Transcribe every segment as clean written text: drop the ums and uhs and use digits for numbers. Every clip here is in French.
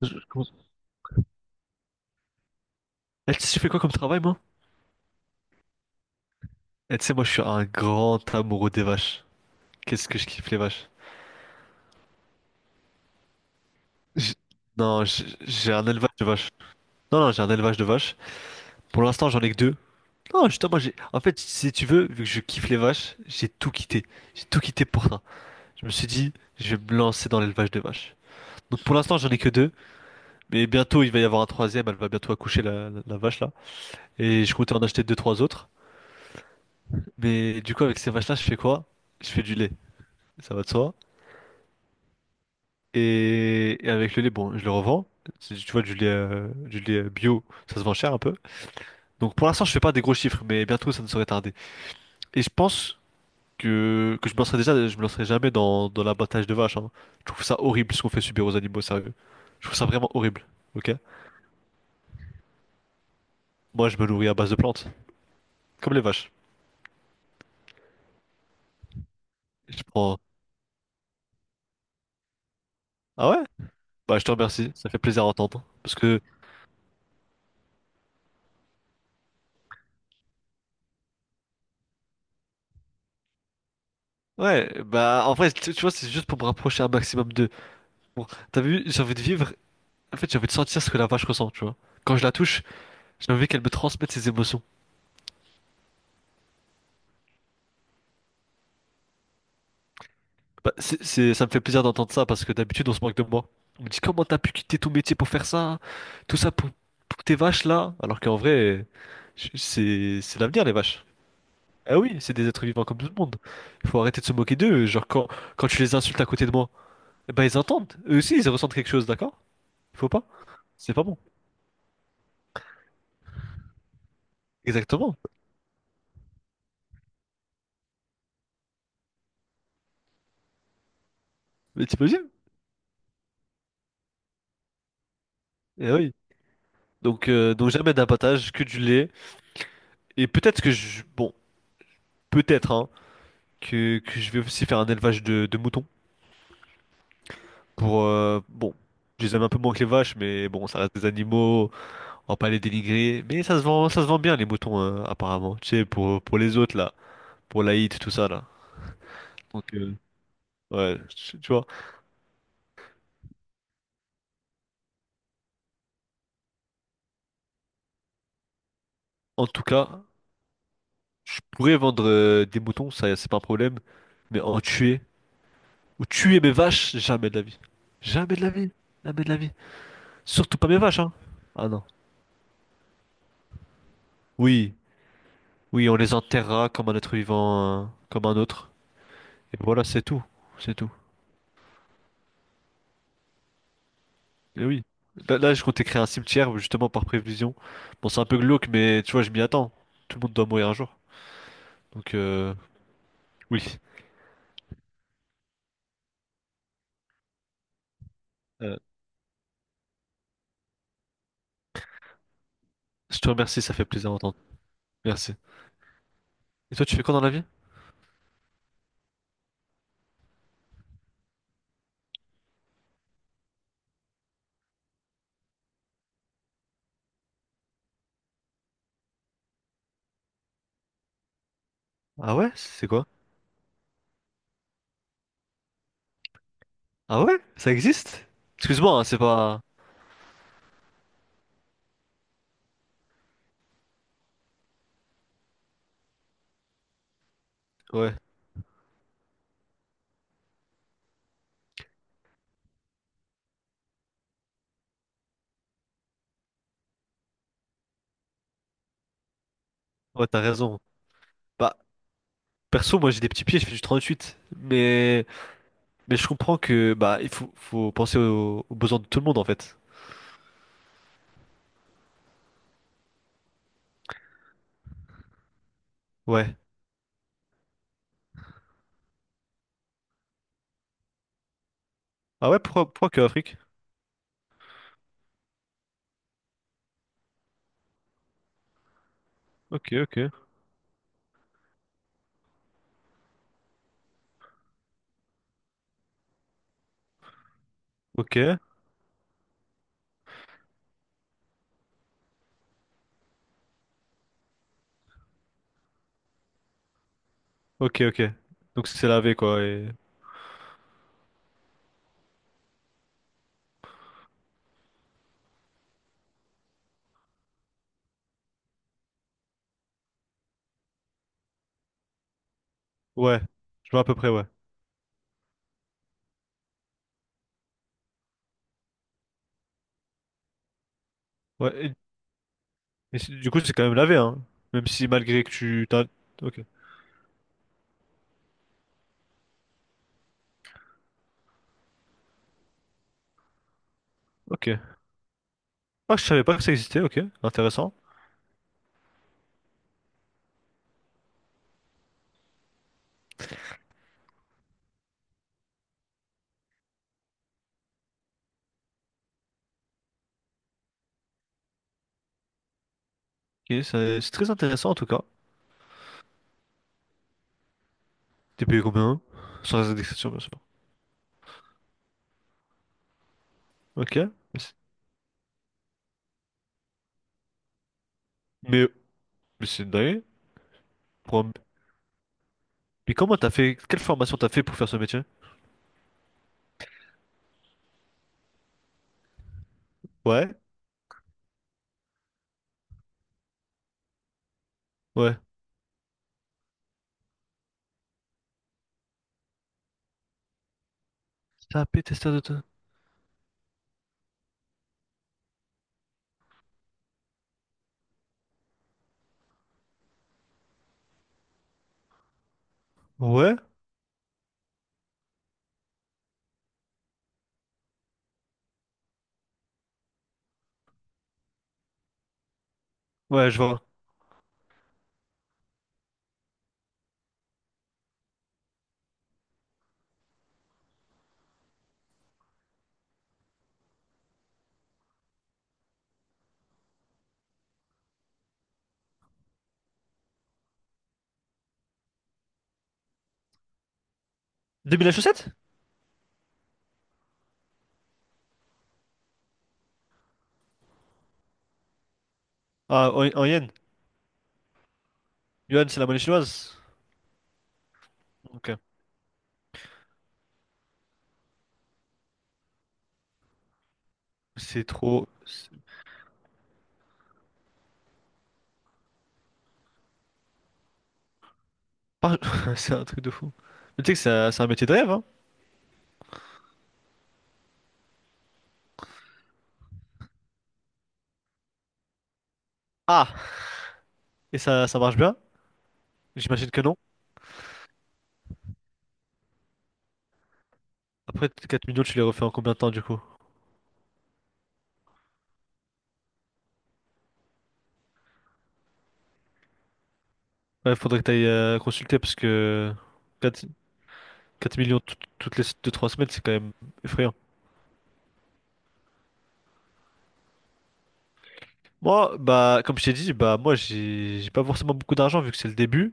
Je- comment- Eh, tu sais, je fais quoi comme travail, moi? Eh, tu sais, moi, je suis un grand amoureux des vaches. Qu'est-ce que je kiffe les vaches? J'- Non, j'ai un élevage de vaches. Non, non, j'ai un élevage de vaches. Pour l'instant, j'en ai que deux. Non, justement, moi, j'ai. En fait, si tu veux, vu que je kiffe les vaches, j'ai tout quitté. J'ai tout quitté pour ça. Je me suis dit, je vais me lancer dans l'élevage de vaches. Donc, pour l'instant, j'en ai que deux. Mais bientôt, il va y avoir un troisième. Elle va bientôt accoucher, la vache, là. Et je comptais en acheter deux, trois autres. Mais du coup, avec ces vaches-là, je fais quoi? Je fais du lait. Ça va de soi. Et avec le lait, bon, je le revends. Tu vois, du lait bio, ça se vend cher un peu. Donc pour l'instant, je fais pas des gros chiffres, mais bientôt, ça ne saurait tarder. Et je pense que je me lancerai déjà, je me lancerai jamais dans l'abattage de vaches, hein. Je trouve ça horrible ce qu'on fait subir aux animaux, sérieux. Je trouve ça vraiment horrible, ok? Moi, je me nourris à base de plantes, comme les vaches. Je prends. Ah ouais? Bah, je te remercie, ça fait plaisir à entendre. Parce que, ouais, bah, en vrai, tu vois, c'est juste pour me rapprocher un maximum de. Bon, t'as vu, j'ai envie de vivre. En fait, j'ai envie de sentir ce que la vache ressent, tu vois. Quand je la touche, j'ai envie qu'elle me transmette ses émotions. Bah, ça me fait plaisir d'entendre ça parce que d'habitude, on se moque de moi. On me dit comment t'as pu quitter ton métier pour faire ça, tout ça pour tes vaches là, alors qu'en vrai, c'est l'avenir, les vaches. Ah oui, c'est des êtres vivants comme tout le monde. Il faut arrêter de se moquer d'eux. Genre, quand tu les insultes à côté de moi, eh ben ils entendent. Eux aussi, ils ressentent quelque chose, d'accord? Faut pas. C'est pas bon. Exactement. Mais t'imagines? Eh oui. Donc jamais d'abattage, que du lait. Et peut-être que Bon, peut-être hein, que je vais aussi faire un élevage de moutons pour bon, je les aime un peu moins que les vaches, mais bon, ça reste des animaux, on va pas les dénigrer, mais ça se vend bien les moutons apparemment, tu sais, pour les autres là, pour l'Aït, tout ça là. Donc ouais, tu vois. En tout cas, je pourrais vendre des moutons, ça c'est pas un problème, mais en tuer ou tuer mes vaches, jamais de la vie, jamais de la vie, jamais de la vie, surtout pas mes vaches hein. Ah non. Oui, oui, on les enterrera comme un être vivant, comme un autre. Et voilà, c'est tout. C'est tout. Et oui. Je comptais créer un cimetière justement par prévision. Bon, c'est un peu glauque, mais tu vois, je m'y attends. Tout le monde doit mourir un jour. Donc, oui. Euh, je te remercie, ça fait plaisir d'entendre. Merci. Et toi, tu fais quoi dans la vie? Ah ouais? C'est quoi? Ah ouais? Ça existe? Excuse-moi, hein, c'est pas. Ouais. Ouais, t'as raison. Bah, perso, moi j'ai des petits pieds, je fais du 38. Mais je comprends que bah il faut penser aux besoins de tout le monde en fait. Ouais. Ah ouais, pourquoi que Afrique? Ok, ok. Ok. Ok, ok. Donc c'est lavé quoi. Ouais, je vois à peu près, ouais. Ouais. Et du coup, c'est quand même lavé, hein. Même si malgré que tu t'as. Ok. Ok. Ah, je savais pas que ça existait, ok. Intéressant. Ok, c'est très intéressant en tout cas. T'es payé combien? Sans indexation, bien sûr. Ok. Mais, c'est mais- c'est dingue. Pour un- Mais comment t'as fait. Quelle formation t'as fait pour faire ce métier? Ouais. Ouais. Tapé, testeur de... ta- Ouais. Ouais, je vois. 2000 la chaussette? Ah, en yen. Yuan, c'est la monnaie chinoise. Ok. C'est trop. Par- C'est un truc de fou. Mais tu sais que c'est un métier de rêve, hein? Ah, et ça marche bien? J'imagine que non. Après, 4 millions, tu les refais en combien de temps, du coup? Ouais, faudrait que t'ailles consulter, parce que 4 4 millions toutes les deux trois semaines, c'est quand même effrayant. Moi, bah, comme je t'ai dit, bah, moi, j'ai pas forcément beaucoup d'argent, vu que c'est le début.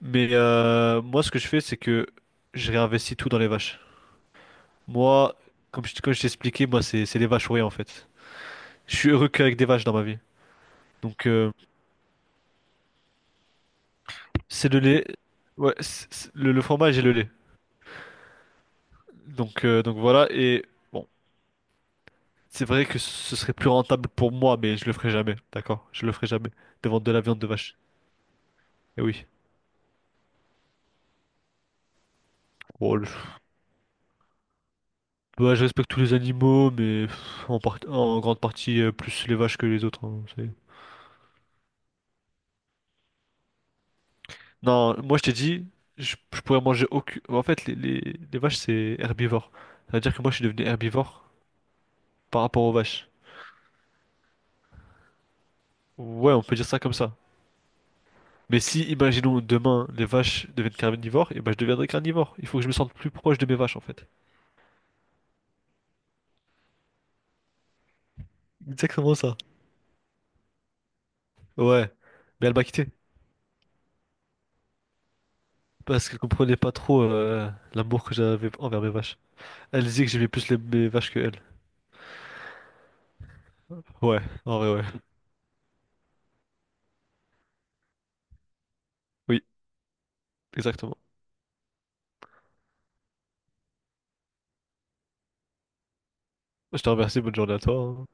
Mais moi, ce que je fais, c'est que je réinvestis tout dans les vaches. Moi, comme je t'ai expliqué, moi, c'est les vaches ou rien, en fait. Je suis heureux qu'avec des vaches dans ma vie. Donc, c'est le lait. Ouais, le fromage et le lait. Donc voilà. Et bon, c'est vrai que ce serait plus rentable pour moi, mais je le ferai jamais. D'accord? Je le ferai jamais. De vendre de la viande de vache. Eh oui. Bon, bah, je respecte tous les animaux, mais en grande partie plus les vaches que les autres, hein. Non, moi je t'ai dit, je pourrais manger aucune. En fait, les vaches c'est herbivore. Ça veut dire que moi je suis devenu herbivore par rapport aux vaches. Ouais, on peut dire ça comme ça. Mais si, imaginons, demain, les vaches deviennent carnivores, et ben je deviendrai carnivore. Il faut que je me sente plus proche de mes vaches, en fait. Exactement ça. Ouais. Mais elle m'a quitté. Parce qu'elle comprenait pas trop l'amour que j'avais envers mes vaches. Elle disait que j'aimais plus mes vaches que elle. Ouais, en vrai, ouais. Oui, exactement. Je te remercie, bonne journée à toi, hein.